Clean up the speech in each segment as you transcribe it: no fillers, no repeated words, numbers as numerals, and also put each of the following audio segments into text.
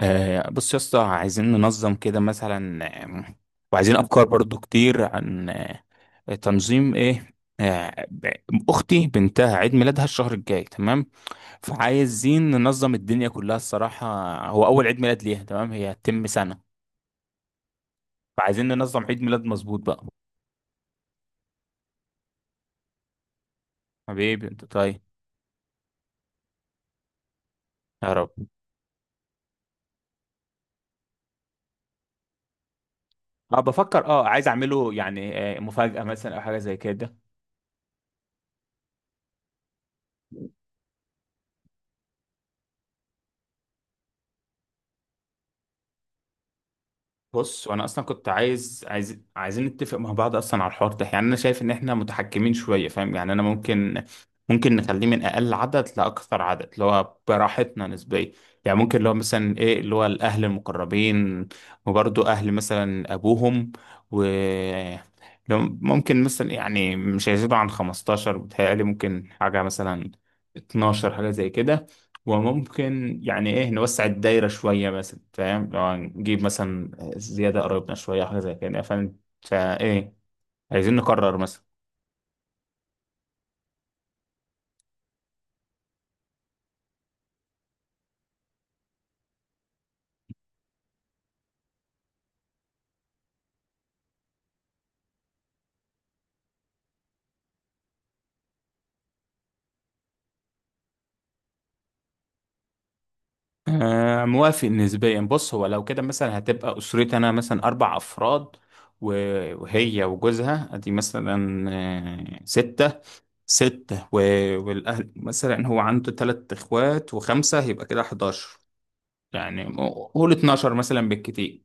بص يا اسطى عايزين ننظم كده مثلا. آم، وعايزين افكار برضو كتير عن تنظيم ايه؟ آه، ب- اختي بنتها عيد ميلادها الشهر الجاي، تمام. فعايزين ننظم الدنيا كلها الصراحة. هو اول عيد ميلاد ليها، تمام. هي هتتم سنة. فعايزين ننظم عيد ميلاد مظبوط بقى. حبيبي انت طيب. يا رب. اه بفكر، عايز اعمله يعني مفاجأة مثلا او حاجة زي كده. بص وانا اصلا كنت عايزين نتفق مع بعض اصلا على الحوار ده. يعني انا شايف ان احنا متحكمين شويه فاهم. يعني انا ممكن نخليه من اقل عدد لاكثر عدد اللي هو براحتنا نسبيا. يعني ممكن اللي هو مثلا ايه اللي هو الاهل المقربين، وبرضه اهل مثلا ابوهم. و لو ممكن مثلا يعني مش هيزيدوا عن 15 بتهيألي ممكن حاجه مثلا 12، حاجه زي كده. وممكن يعني ايه نوسع الدايرة شوية مثلا فاهم، لو نجيب مثلا زيادة قريبنا شوية، حاجة زي كده فاهم. فايه عايزين نقرر مثلا. موافق نسبيا. بص هو لو كده مثلا هتبقى أسرتي أنا مثلا 4 أفراد، و- وهي وجوزها أدي مثلا 6. 6 و- والأهل مثلا هو عنده 3 إخوات و5، يبقى كده 11 يعني. قول 12 مثلا بالكتير.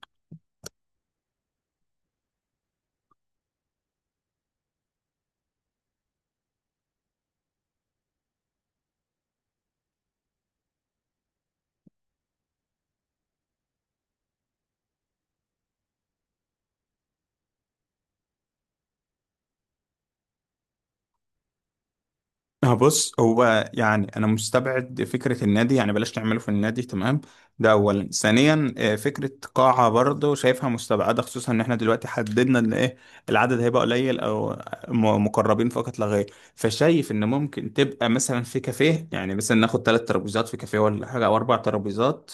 اه بص هو يعني انا مستبعد فكره النادي، يعني بلاش تعمله في النادي، تمام. ده اولا. ثانيا فكره قاعه برضه شايفها مستبعده، خصوصا ان احنا دلوقتي حددنا ان ايه العدد هيبقى قليل او مقربين فقط لا غير. فشايف ان ممكن تبقى مثلا في كافيه، يعني مثلا ناخد 3 ترابيزات في كافيه ولا حاجه، او 4 ترابيزات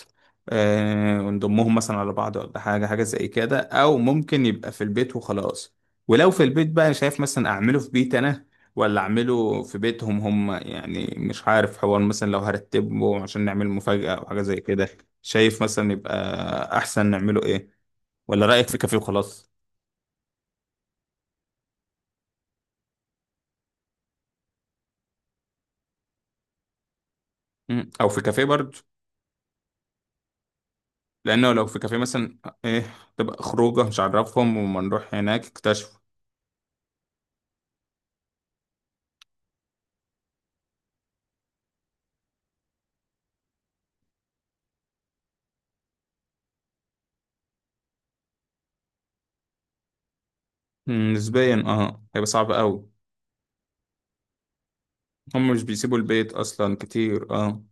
ونضمهم مثلا على بعض ولا حاجه زي كده، او ممكن يبقى في البيت وخلاص. ولو في البيت بقى شايف مثلا اعمله في بيت انا ولا اعمله في بيتهم هم؟ يعني مش عارف، حوار مثلا لو هرتبه عشان نعمل مفاجأة او حاجة زي كده. شايف مثلا يبقى احسن نعمله ايه؟ ولا رأيك في كافيه وخلاص؟ او في كافيه برضه. لانه لو في كافيه مثلا ايه تبقى خروجه مش عارفهم، وما نروح هناك اكتشفوا. نسبيا هيبقى صعب قوي. هم مش بيسيبوا البيت اصلا كتير اه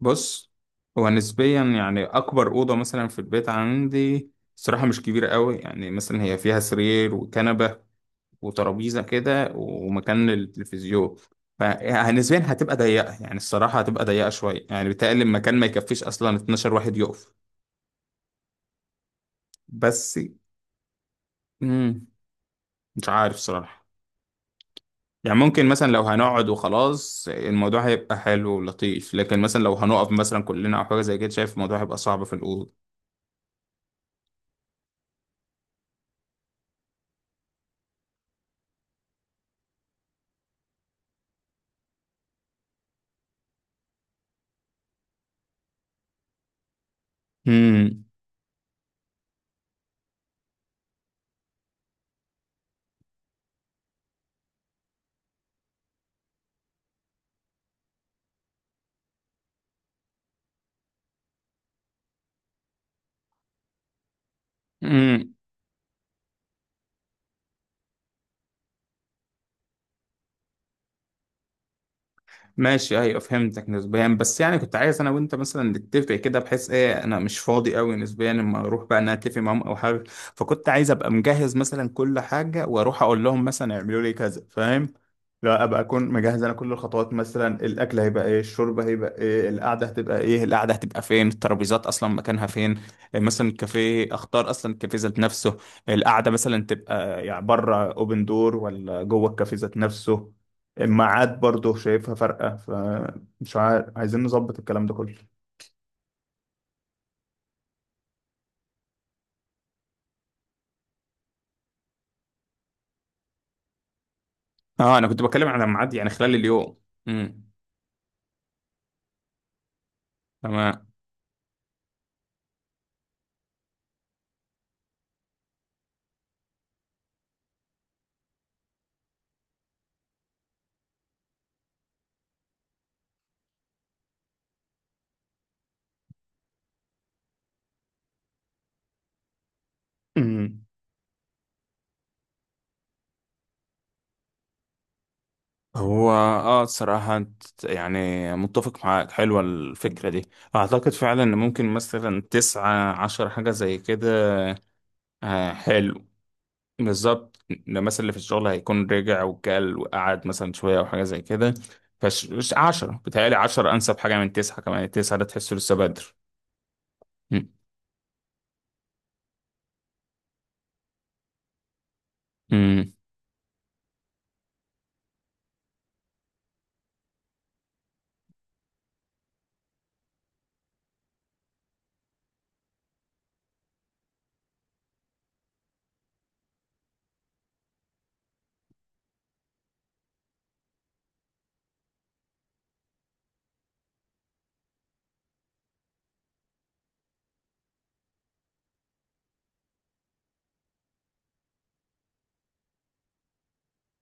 بص هو نسبيا يعني اكبر اوضه مثلا في البيت عندي الصراحه مش كبيره قوي. يعني مثلا هي فيها سرير وكنبه وترابيزه كده ومكان للتلفزيون. فنسبيا هتبقى ضيقه، يعني الصراحه هتبقى ضيقه شويه. يعني بيتهيألي المكان ما يكفيش اصلا 12 واحد يقف. بس مم. مش عارف صراحه. يعني ممكن مثلا لو هنقعد وخلاص الموضوع هيبقى حلو ولطيف، لكن مثلا لو هنقف مثلا كلنا او حاجه زي كده شايف الموضوع هيبقى صعب في الاوضه. امم ماشي، ايوه فهمتك نسبيا. بس يعني كنت عايز انا وانت مثلا نتفق كده، بحيث ايه انا مش فاضي قوي نسبيا اما اروح بقى انا اتفق معاهم او حاجه. فكنت عايز ابقى مجهز مثلا كل حاجه، واروح اقول لهم مثلا اعملوا لي كذا فاهم. لا، ابقى اكون مجهز انا كل الخطوات. مثلا الاكل هيبقى ايه؟ الشرب هيبقى ايه؟ القعده هتبقى ايه؟ القعده هتبقى فين؟ الترابيزات اصلا مكانها فين؟ إيه مثلا الكافيه؟ اختار اصلا الكافيه ذات نفسه. القعده مثلا تبقى يعني بره اوبن دور ولا جوه الكافيه ذات نفسه. الميعاد برضه شايفها فرقة. فمش عارف، عايزين نظبط الكلام ده كله. اه انا كنت بتكلم على ميعاد يعني خلال اليوم. امم. تمام. أمم. هو الصراحة يعني متفق معاك. حلوة الفكرة دي. اعتقد فعلا ان ممكن مثلا 19 حاجة زي كده. آه، حلو. بالظبط، ده مثلا اللي في الشغل هيكون رجع وكل وقعد مثلا شوية او حاجة زي كده. فش، مش 10 بتهيألي، 10 انسب حاجة من 9. كمان التسعة ده تحسه لسه بدر. مم.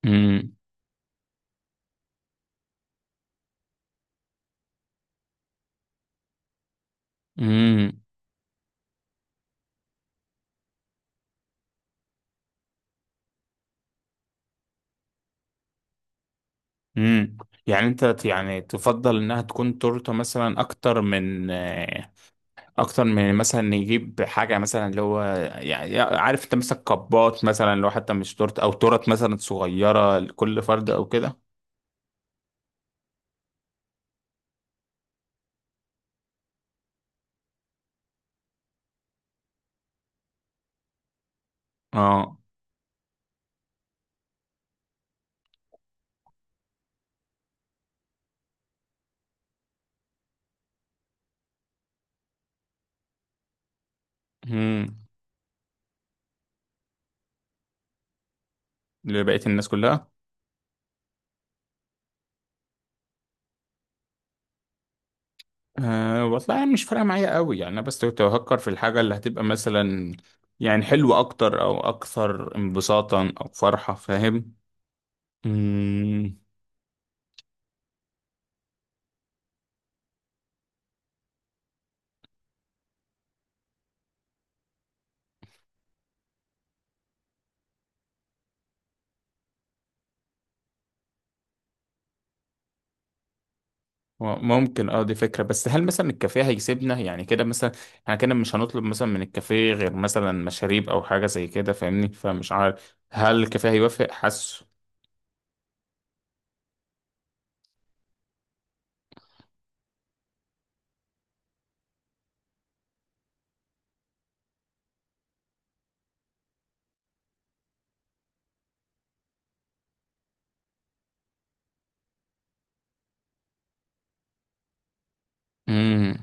مم. امم. امم. يعني انت يعني تفضل انها تكون تورته مثلا اكتر من اكتر من مثلا نجيب حاجه مثلا اللي هو، يعني عارف انت مثلا كبات مثلا لو حتى مش تورته، او تورت مثلا صغيره لكل فرد او كده. اه. امم. لبقيه الناس كلها. أه والله يعني مش فارقه معايا قوي. يعني انا بس كنت بفكر في الحاجه اللي هتبقى مثلا يعني حلوه اكتر، او اكثر انبساطا او فرحه فاهم. امم. ممكن، دي فكرة. بس هل مثلا الكافيه هيسيبنا يعني كده مثلا؟ احنا كده مش هنطلب مثلا من الكافيه غير مثلا مشاريب او حاجة زي كده فاهمني. فمش عارف هل الكافيه هيوافق؟ حاسه. امم.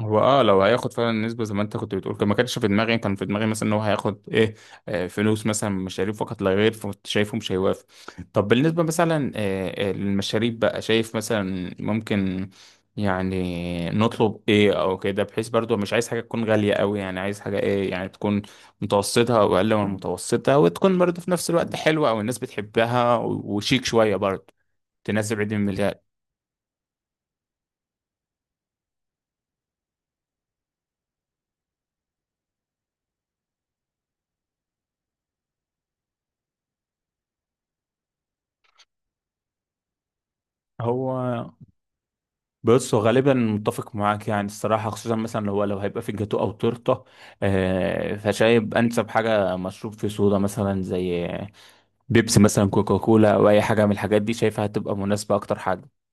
هو لو هياخد فعلا النسبة زي ما انت كنت بتقول، كان ما كانش في دماغي. كان في دماغي مثلا ان هو هياخد ايه فلوس مثلا من مشاريب فقط لا غير. فكنت شايفه مش هيوافق. طب بالنسبة مثلا للمشاريب بقى، شايف مثلا ممكن يعني نطلب ايه او كده، بحيث برضو مش عايز حاجة تكون غالية قوي. يعني عايز حاجة ايه يعني تكون متوسطة او اقل من متوسطة، وتكون برضو في نفس الوقت حلوة، او الناس بتحبها، وشيك شوية برضو تناسب عيد الميلاد. هو بص هو غالبا متفق معاك يعني الصراحة، خصوصا مثلا لو هيبقى في جاتو أو تورتة فشايب أنسب حاجة مشروب في صودا، مثلا زي بيبسي مثلا، كوكاكولا، أو أي حاجة من الحاجات دي، شايفها هتبقى مناسبة أكتر حاجة.